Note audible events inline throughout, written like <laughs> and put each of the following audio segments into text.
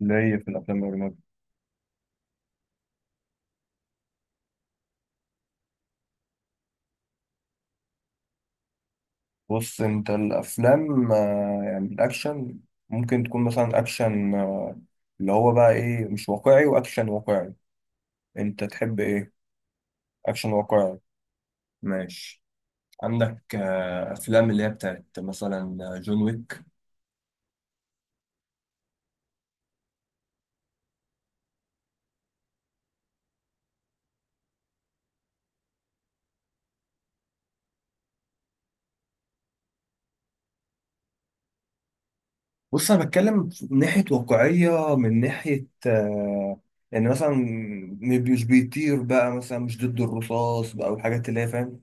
ليا في الافلام الاجنبي. بص، انت الافلام يعني الاكشن. ممكن تكون مثلا اكشن. اللي هو بقى ايه، مش واقعي واكشن واقعي. انت تحب ايه؟ اكشن واقعي. ماشي. عندك افلام اللي هي بتاعت مثلا جون ويك. بص، انا بتكلم من ناحيه واقعيه، من ناحيه. يعني مثلا، مش بيطير بقى مثلا، مش ضد الرصاص بقى والحاجات اللي هي، فاهم؟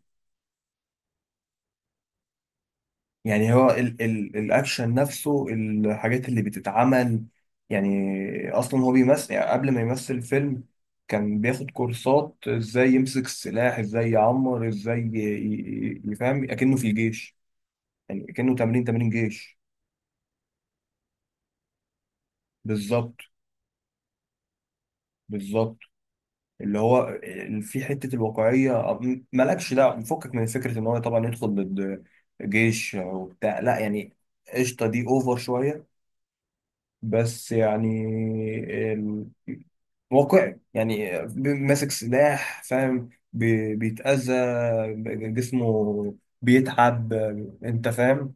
يعني هو ال ال الاكشن نفسه، الحاجات اللي بتتعمل. يعني اصلا هو بيمثل، يعني قبل ما يمثل فيلم كان بياخد كورسات، ازاي يمسك السلاح، ازاي يعمر، ازاي يفهم اكنه في الجيش. يعني اكنه تمرين تمرين جيش. بالظبط. بالظبط. اللي هو في حتة الواقعية، مالكش دعوة، فكك من فكرة ان هو طبعا يدخل ضد جيش وبتاع، لا يعني قشطة دي اوفر شوية. بس يعني واقعي، يعني ماسك سلاح، فاهم، بيتأذى جسمه، بيتعب. انت فاهم؟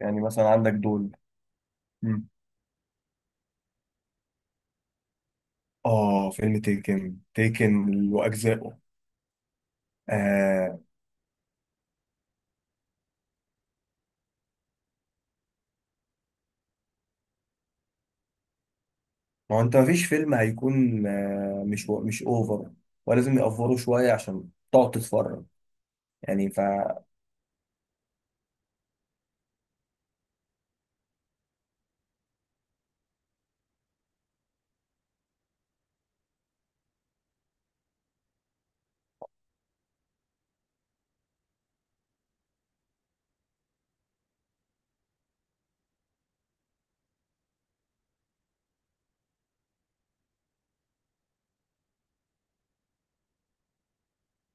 يعني مثلا عندك دول. مم. اه، فيلم تيكن، تيكن واجزائه. آه. ما هو انت مفيش فيلم هيكون مش مش اوفر، ولازم يأفوره شوية عشان تقعد تتفرج. يعني.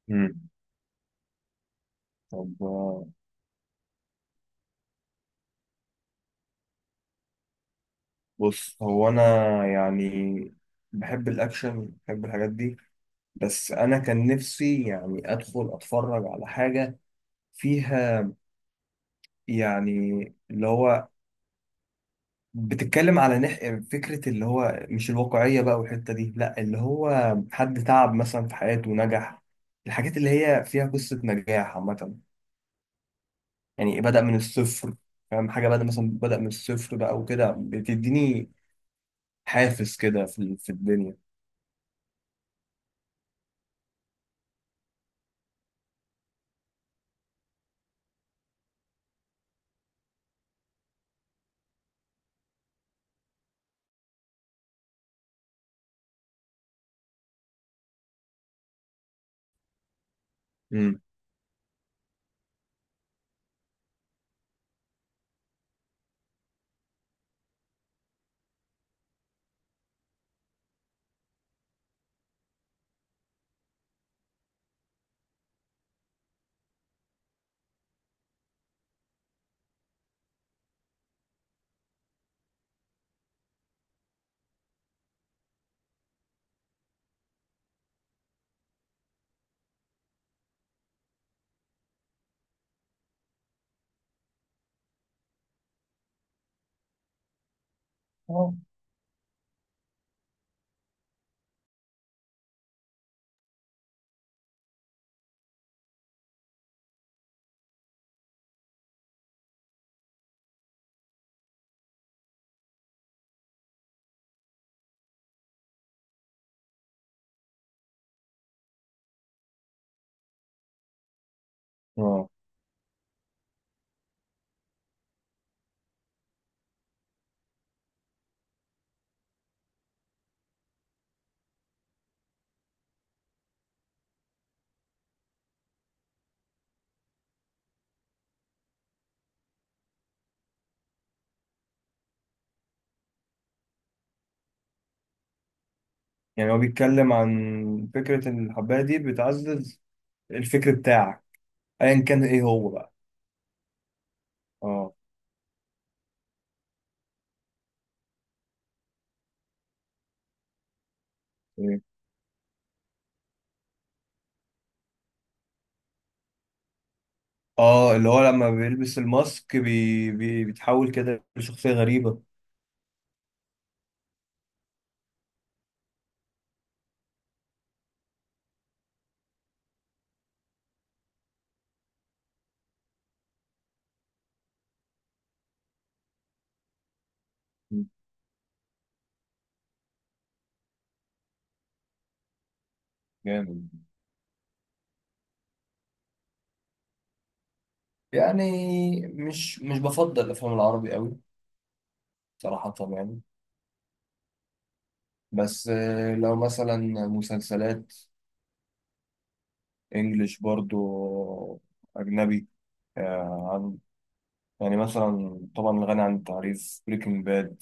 مم. طب. بص، هو انا يعني بحب الاكشن، بحب الحاجات دي. بس أنا كان نفسي يعني أدخل أتفرج على حاجة فيها، يعني اللي هو بتتكلم على فكرة اللي هو مش الواقعية بقى والحتة دي، لا، اللي هو حد تعب مثلا في حياته ونجح. الحاجات اللي هي فيها قصة نجاح عامة، يعني بدأ من الصفر. فاهم حاجة؟ بدأ مثلا، بدأ من الصفر بقى وكده، بتديني حافز كده في في الدنيا. امم. اه. اه. يعني هو بيتكلم عن فكرة إن الحباية دي بتعزز الفكر بتاعك، ايا كان ايه هو بقى. اه. ايه. اه، اللي هو لما بيلبس الماسك بيتحول كده لشخصية غريبة. مم. جامد. يعني مش بفضل الافلام العربي قوي، صراحة، يعني. بس لو مثلا مسلسلات انجليش برضو، اجنبي، آه، عن- يعني مثلا طبعا غني عن التعريف بريكنج باد،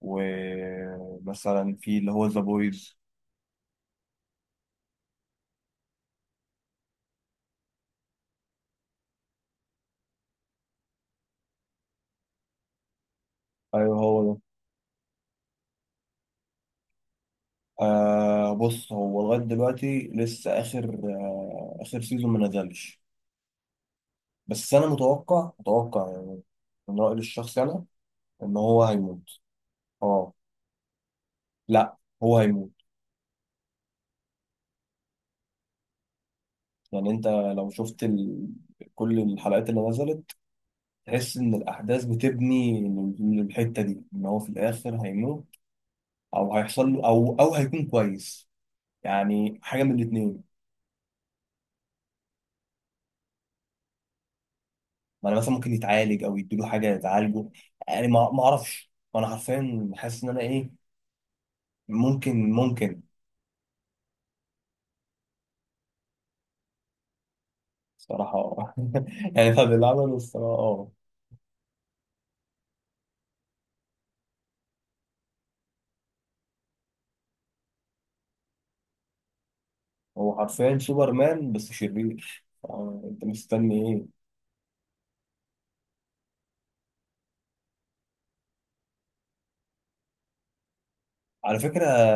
ومثلا في اللي هو ذا بويز. ايوه، هو ده. آه. بص، هو لغاية دلوقتي لسه آخر سيزون ما نزلش. بس أنا متوقع متوقع يعني، من رأيي الشخصي أنا، إن هو هيموت. أه. لا، هو هيموت. يعني أنت لو شفت كل الحلقات اللي نزلت، تحس إن الأحداث بتبني للحتة دي، إن هو في الآخر هيموت، أو هيحصل له أو هيكون كويس. يعني حاجة من الاتنين. ما أنا مثلا ممكن يتعالج أو يديله حاجة يتعالجه. يعني ما أعرفش، وأنا حرفيا حاسس إن أنا إيه. ممكن، ممكن، صراحة، اه. <laughs> يعني طب اللي عمله الصراحة، اه. هو حرفيا سوبرمان بس شرير، انت مستني ايه؟ على فكرة،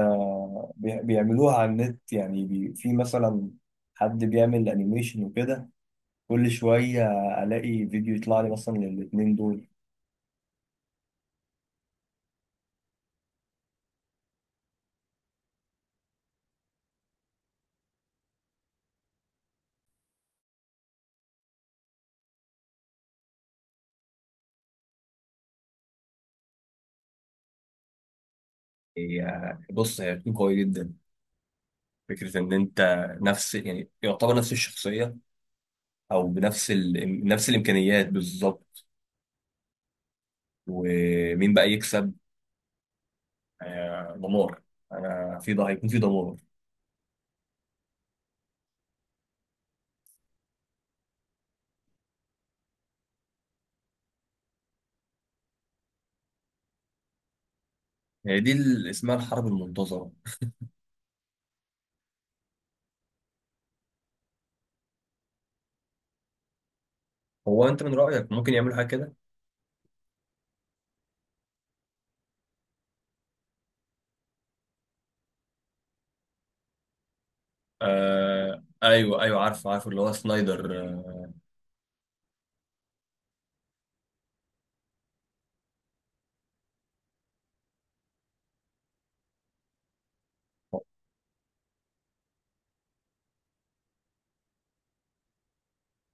بيعملوها على النت. يعني في مثلا حد بيعمل انيميشن وكده. كل شوية الاقي فيديو يطلع لي مثلا للاتنين دول. بص، هي بتكون قوية جدا. فكرة إن أنت نفس يعني يعتبر نفس الشخصية، أو بنفس نفس الإمكانيات بالظبط. ومين بقى يكسب؟ دمار. انا في ده هيكون في دمار. هي دي اللي اسمها الحرب المنتظره. هو انت من رايك ممكن يعملوا حاجه كده؟ آه. ايوه، ايوه، عارف، عارف اللي هو سنايدر.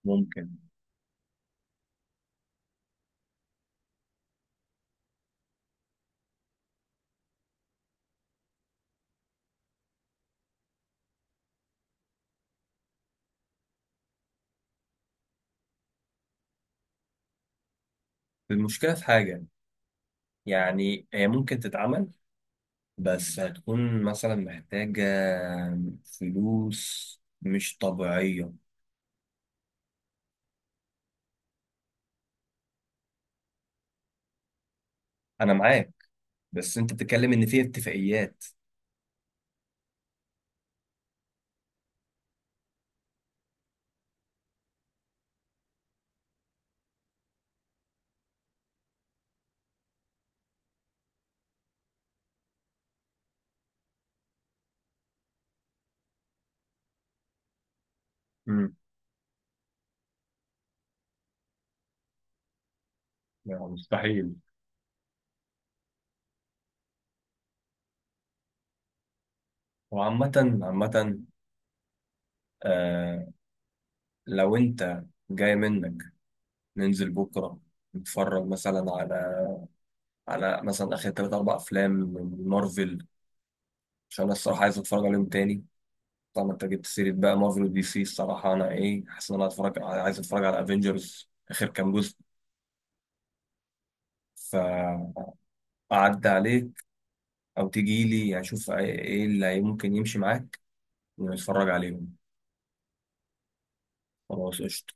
ممكن. المشكله في حاجه. يعني هي ممكن تتعمل، بس هتكون مثلا محتاجه فلوس مش طبيعيه. انا معاك. بس انت بتتكلم ان في اتفاقيات. امم. يعني مستحيل. وعامه، عامه. آه. لو انت جاي منك ننزل بكرة، نتفرج مثلا على مثلا آخر تلات أربع أفلام من مارفل، عشان أنا الصراحة عايز أتفرج عليهم تاني. طبعا أنت جبت سيرة بقى مارفل ودي سي، الصراحة أنا إيه، حاسس إن أنا عايز أتفرج على أفينجرز آخر كام جزء. فأعدي عليك، أو تجي لي، يعني أشوف إيه اللي ممكن يمشي معاك، ونتفرج عليهم. خلاص. قشطة.